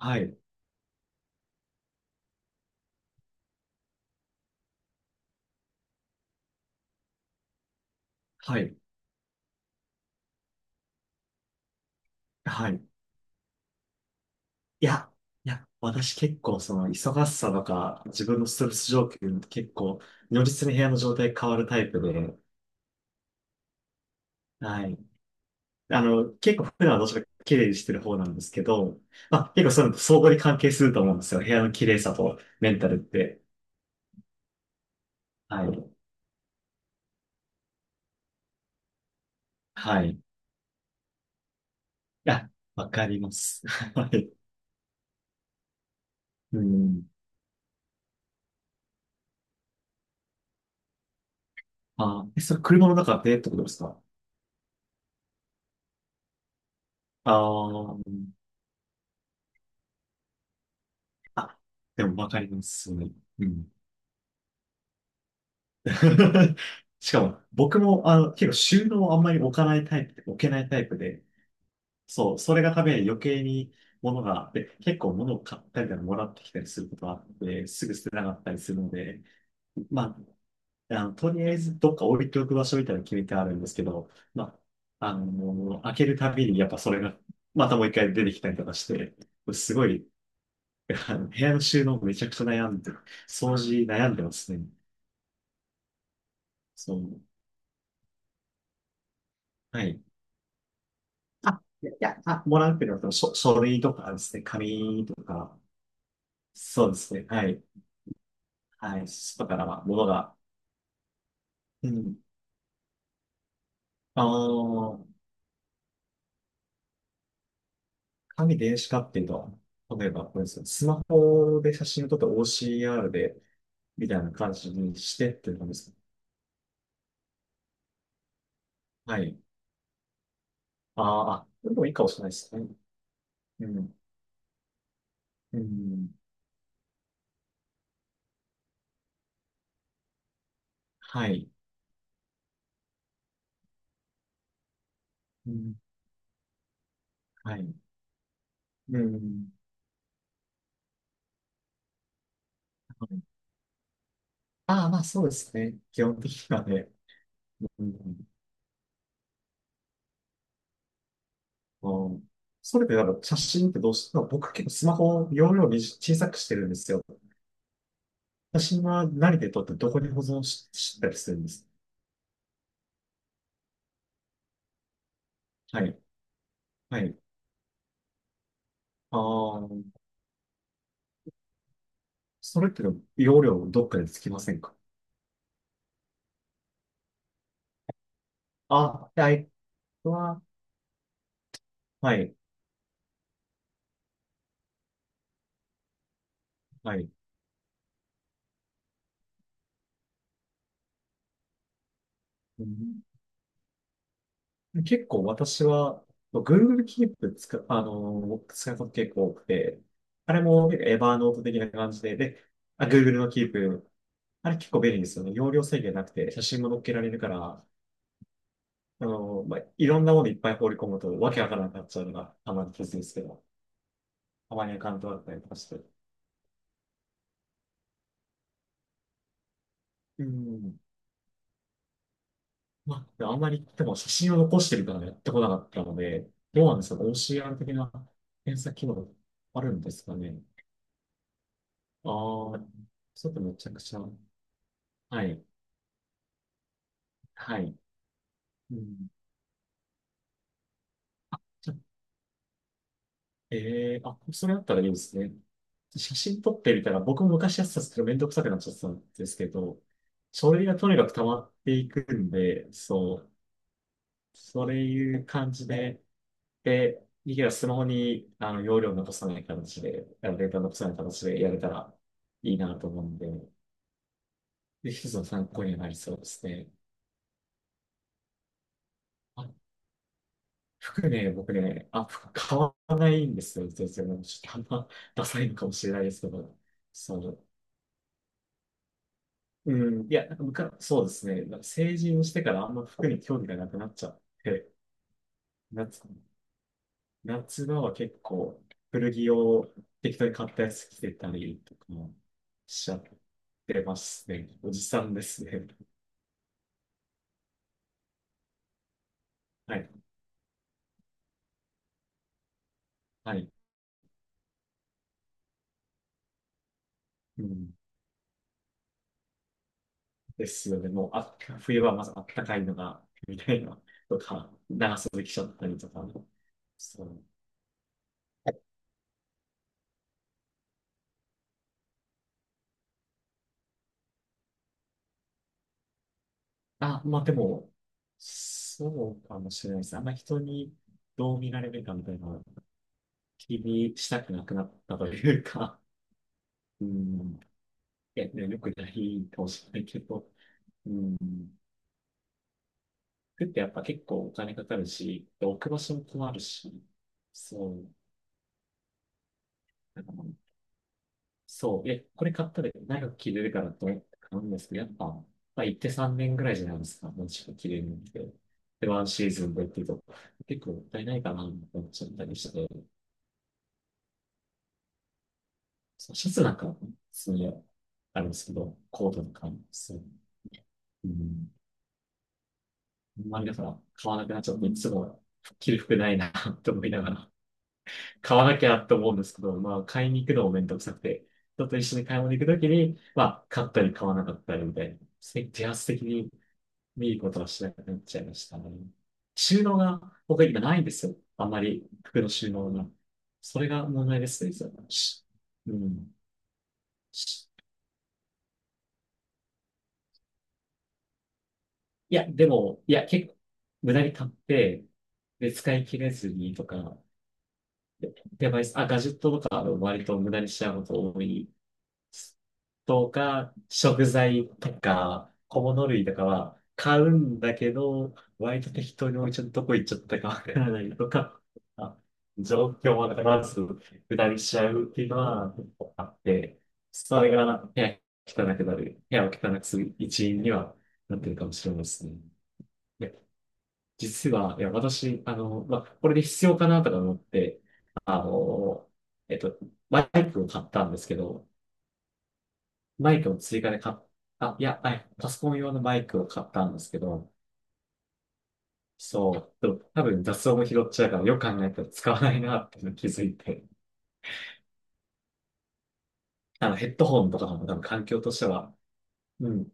はい、はい、はい。いや、いや、私結構その忙しさとか自分のストレス状況に結構如実に部屋の状態変わるタイプで、はい。結構普段はどっちか綺麗にしてる方なんですけど、まあ結構そういうのと相互に関係すると思うんですよ。部屋の綺麗さとメンタルって。はい。はい。いや、わかります。はい。うん。あ、え、それ車の中でってことですか？ああー、うん。あ、でもわかります。うん。しかも、僕も、結構収納をあんまり置かないタイプで、置けないタイプで、そう、それがために余計に物が、で、結構物を買ったりとかもらってきたりすることがあって、すぐ捨てなかったりするので、まあ、とりあえずどっか置いておく場所みたいなの決めてあるんですけど、まあ、開けるたびにやっぱそれが、またもう一回出てきたりとかして、すごい、部屋の収納めちゃくちゃ悩んで、掃除悩んでますね。そう。はい。もらうっていうのは、書類とかですね、紙とか、そうですね、はい。はい、外からは、ものが、うん。あの、紙電子化っていうと、例えば、これですね、スマホで写真を撮って OCR で、みたいな感じにしてっていう感じですね。はい。ああ、でもいいかもしれないですね。うん。うん。はい。うん。はい。うん。はい。ああ、まあそうですね。基本的にはね。うん、うん。それでなんか写真ってどうしても僕結構スマホを容量に小さくしてるんですよ。写真は何で撮ってどこに保存し、したりするんです？はい。はい。ああ、それって容量どっかでつきませんか？あ、はい。は、はい。はい。うん。結構私は Google Keep 使う、使うこと結構多くて、あれも結構エバーノート的な感じで、で、あ、Google の Keep、あれ結構便利ですよね。容量制限なくて写真も載っけられるから、まあ、いろんなものいっぱい放り込むと、わけわからなくなっちゃうのが、たまにケツですけど、たまにアカウントだったりとかして。うん。まあ、あんまり、でも写真を残してるからやってこなかったので、どうなんですか？ OCR 的な検査機能あるんですかね？ああー、ちょっとめちゃくちゃ。はい。はい。うん。じゃ、えー、あ、それだったらいいですね。写真撮ってみたら、僕も昔やってたんですけど、めんどくさくなっちゃってたんですけど、書類がとにかく溜まっていくんで、そう、そういう感じで、で、いや、スマホに容量を残さない形で、データを残さない形でやれたらいいなと思うんで、で、一つの参考にはなりそうですね。あ、服ね、僕ね、あ、服買わないんですよ、全然。ちょっとあんまダサいのかもしれないですけど、そう。うん、いや、なんかむかそうですね。なんか成人をしてからあんま服に興味がなくなっちゃって、なんつうの、夏場は結構古着を適当に買ったやつ着てたりとかもしちゃってますね。おじさんですね。はい。はい。うん。ですよね。もうあ、冬はまずあったかいのが、みたいな、とか、長袖着ちゃったりとか。そう。あ、まあでも、そうかもしれないです。あんまり人にどう見られるかみたいなのを気にしたくなくなったというか、うん。いや、ね、よくないかもしれないけど。うん。服ってやっぱ結構お金かかるし、で置く場所も困るし、そう、なんかそう、え、これ買ったら長く着れるからと思って買うんですけど、やっぱ、まあ、行って3年ぐらいじゃないですか、もちろん着れるんで。で、ワンシーズンでっていうと、結構もったいないかなと思っちゃったりして、そうシャツなんか、すげえ、あるんですけど、コートとか、そう、うん、あんまりだから買わなくなっちゃって、いつも着る服ないな と思いながら、買わなきゃって思うんですけど、まあ、買いに行くのもめんどくさくて、人と一緒に買い物行くときに、まあ、買ったり買わなかったりみたいな、せ自発的に見ることはしなくなっちゃいましたね。収納が僕今ないんですよ。あんまり服の収納が。それが問題ですね、それし、うん。し、いや、でも、いや、結構、無駄に買って、で、使い切れずにとか、やばいです。あ、ガジェットとか割と無駄にしちゃうこと多いとか、食材とか、小物類とかは買うんだけど、割と適当に置いちゃったとこ行っちゃったかわからないとか、あ、状況をまず下りしちゃうっていうのはあって、それが部屋汚くなる、部屋を汚くする一因にはなってるかもしれないですね。で実は、いや、私、まあ、これで必要かなとか思って、あの、えっと、バイクを買ったんですけど、マイクも追加で買っ、あ、いや、はい、パソコン用のマイクを買ったんですけど、そう、でも多分雑音も拾っちゃうから、よく考えたら使わないなっていうのに気づいて、ヘッドホンとかも多分環境としては、うん、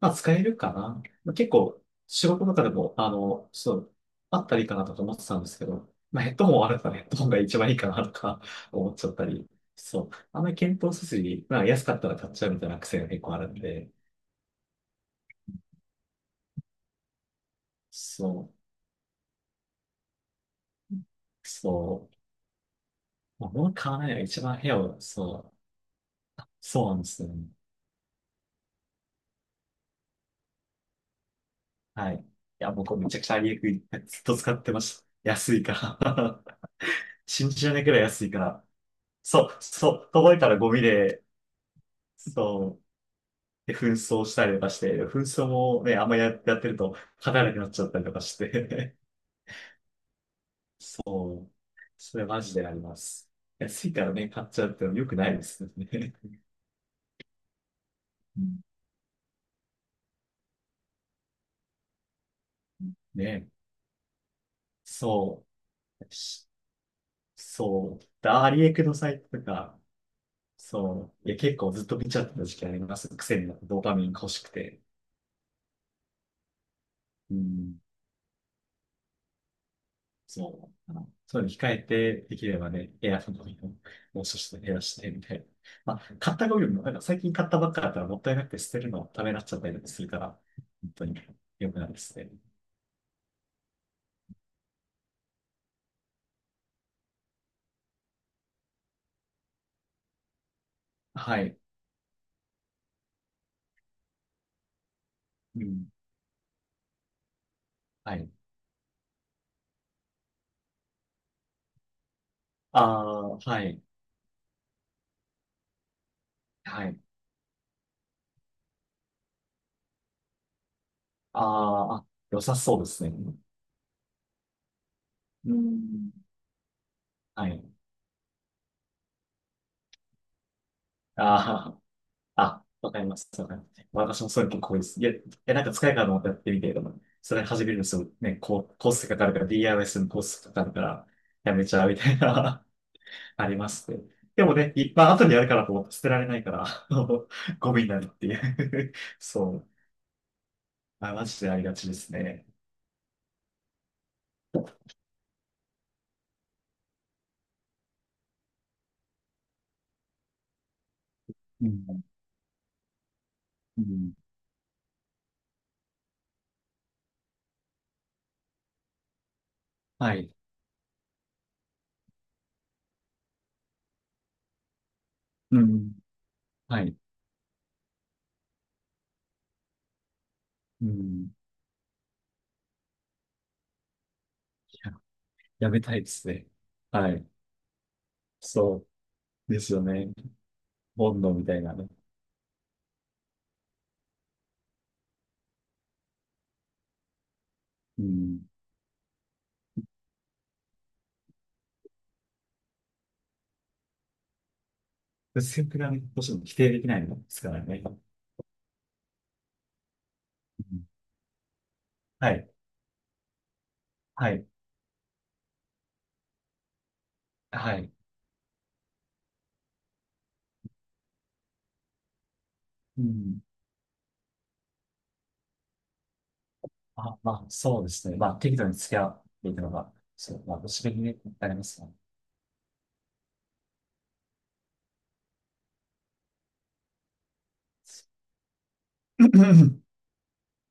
まあ使えるかな。まあ結構、仕事とかでも、そう、あったらいいかなとか思ってたんですけど、まあヘッドホンあるからヘッドホンが一番いいかなとか 思っちゃったり、そう、あんまり検討せずに、まあ安かったら買っちゃうみたいな癖が結構あるんで、そう。そうまあ物買わないのが一番部屋を、そう、そうなんですよね。はい。いや、僕めちゃくちゃアリエクイずっと使ってました。安いから。信じられないくらい安いから。そう、そう、届いたらゴミで、そう、で、紛争したりとかして、紛争もね、あんまや、やってると、勝たなくなっちゃったりとかして。そう、それマジであります。安いからね、買っちゃうってのも良くないですよね。うん、ね、そう、し、そう、ダーリエクのサイトとか、そう。いや、結構ずっと見ちゃってた時期あります。癖になってドーパミンが欲しくて。うん。そう。そういうの控えて、できればね、エアフォンのをもう少し減らして、みたいな。まあ、買ったゴミもね、なんか最近買ったばっかだったらもったいなくて捨てるのためになっちゃったりとかするから、本当に良くないですね。はい。うん。はい。ああ、はい。はい。あーあ、良さそうですね。うん。はい。ああ。あ、わかります。わかります。私もそういうの結構多いです。いや、いや、なんか使えるかと思ってやってみて、でも、それ始めるのすごいね、こう、コーストかかるから、DIY のコーストかかるから、やめちゃうみたいな ありますね。でもね、いっぱい後にやるからと思って捨てられないから、あのゴミになるっていう そう。あ、マジでありがちですね。うん、うん、はい。うん、はい。うん、や、やめたいですね。はい。そうですよね。ボンドみたいなね。うん、薄くなることも否定できないのですからね。うん、はい。はい。はい。うん。あ、まあ、そうですね。まあ、適度に付き合っていくのが、そう、まあ、ご指摘になりますね。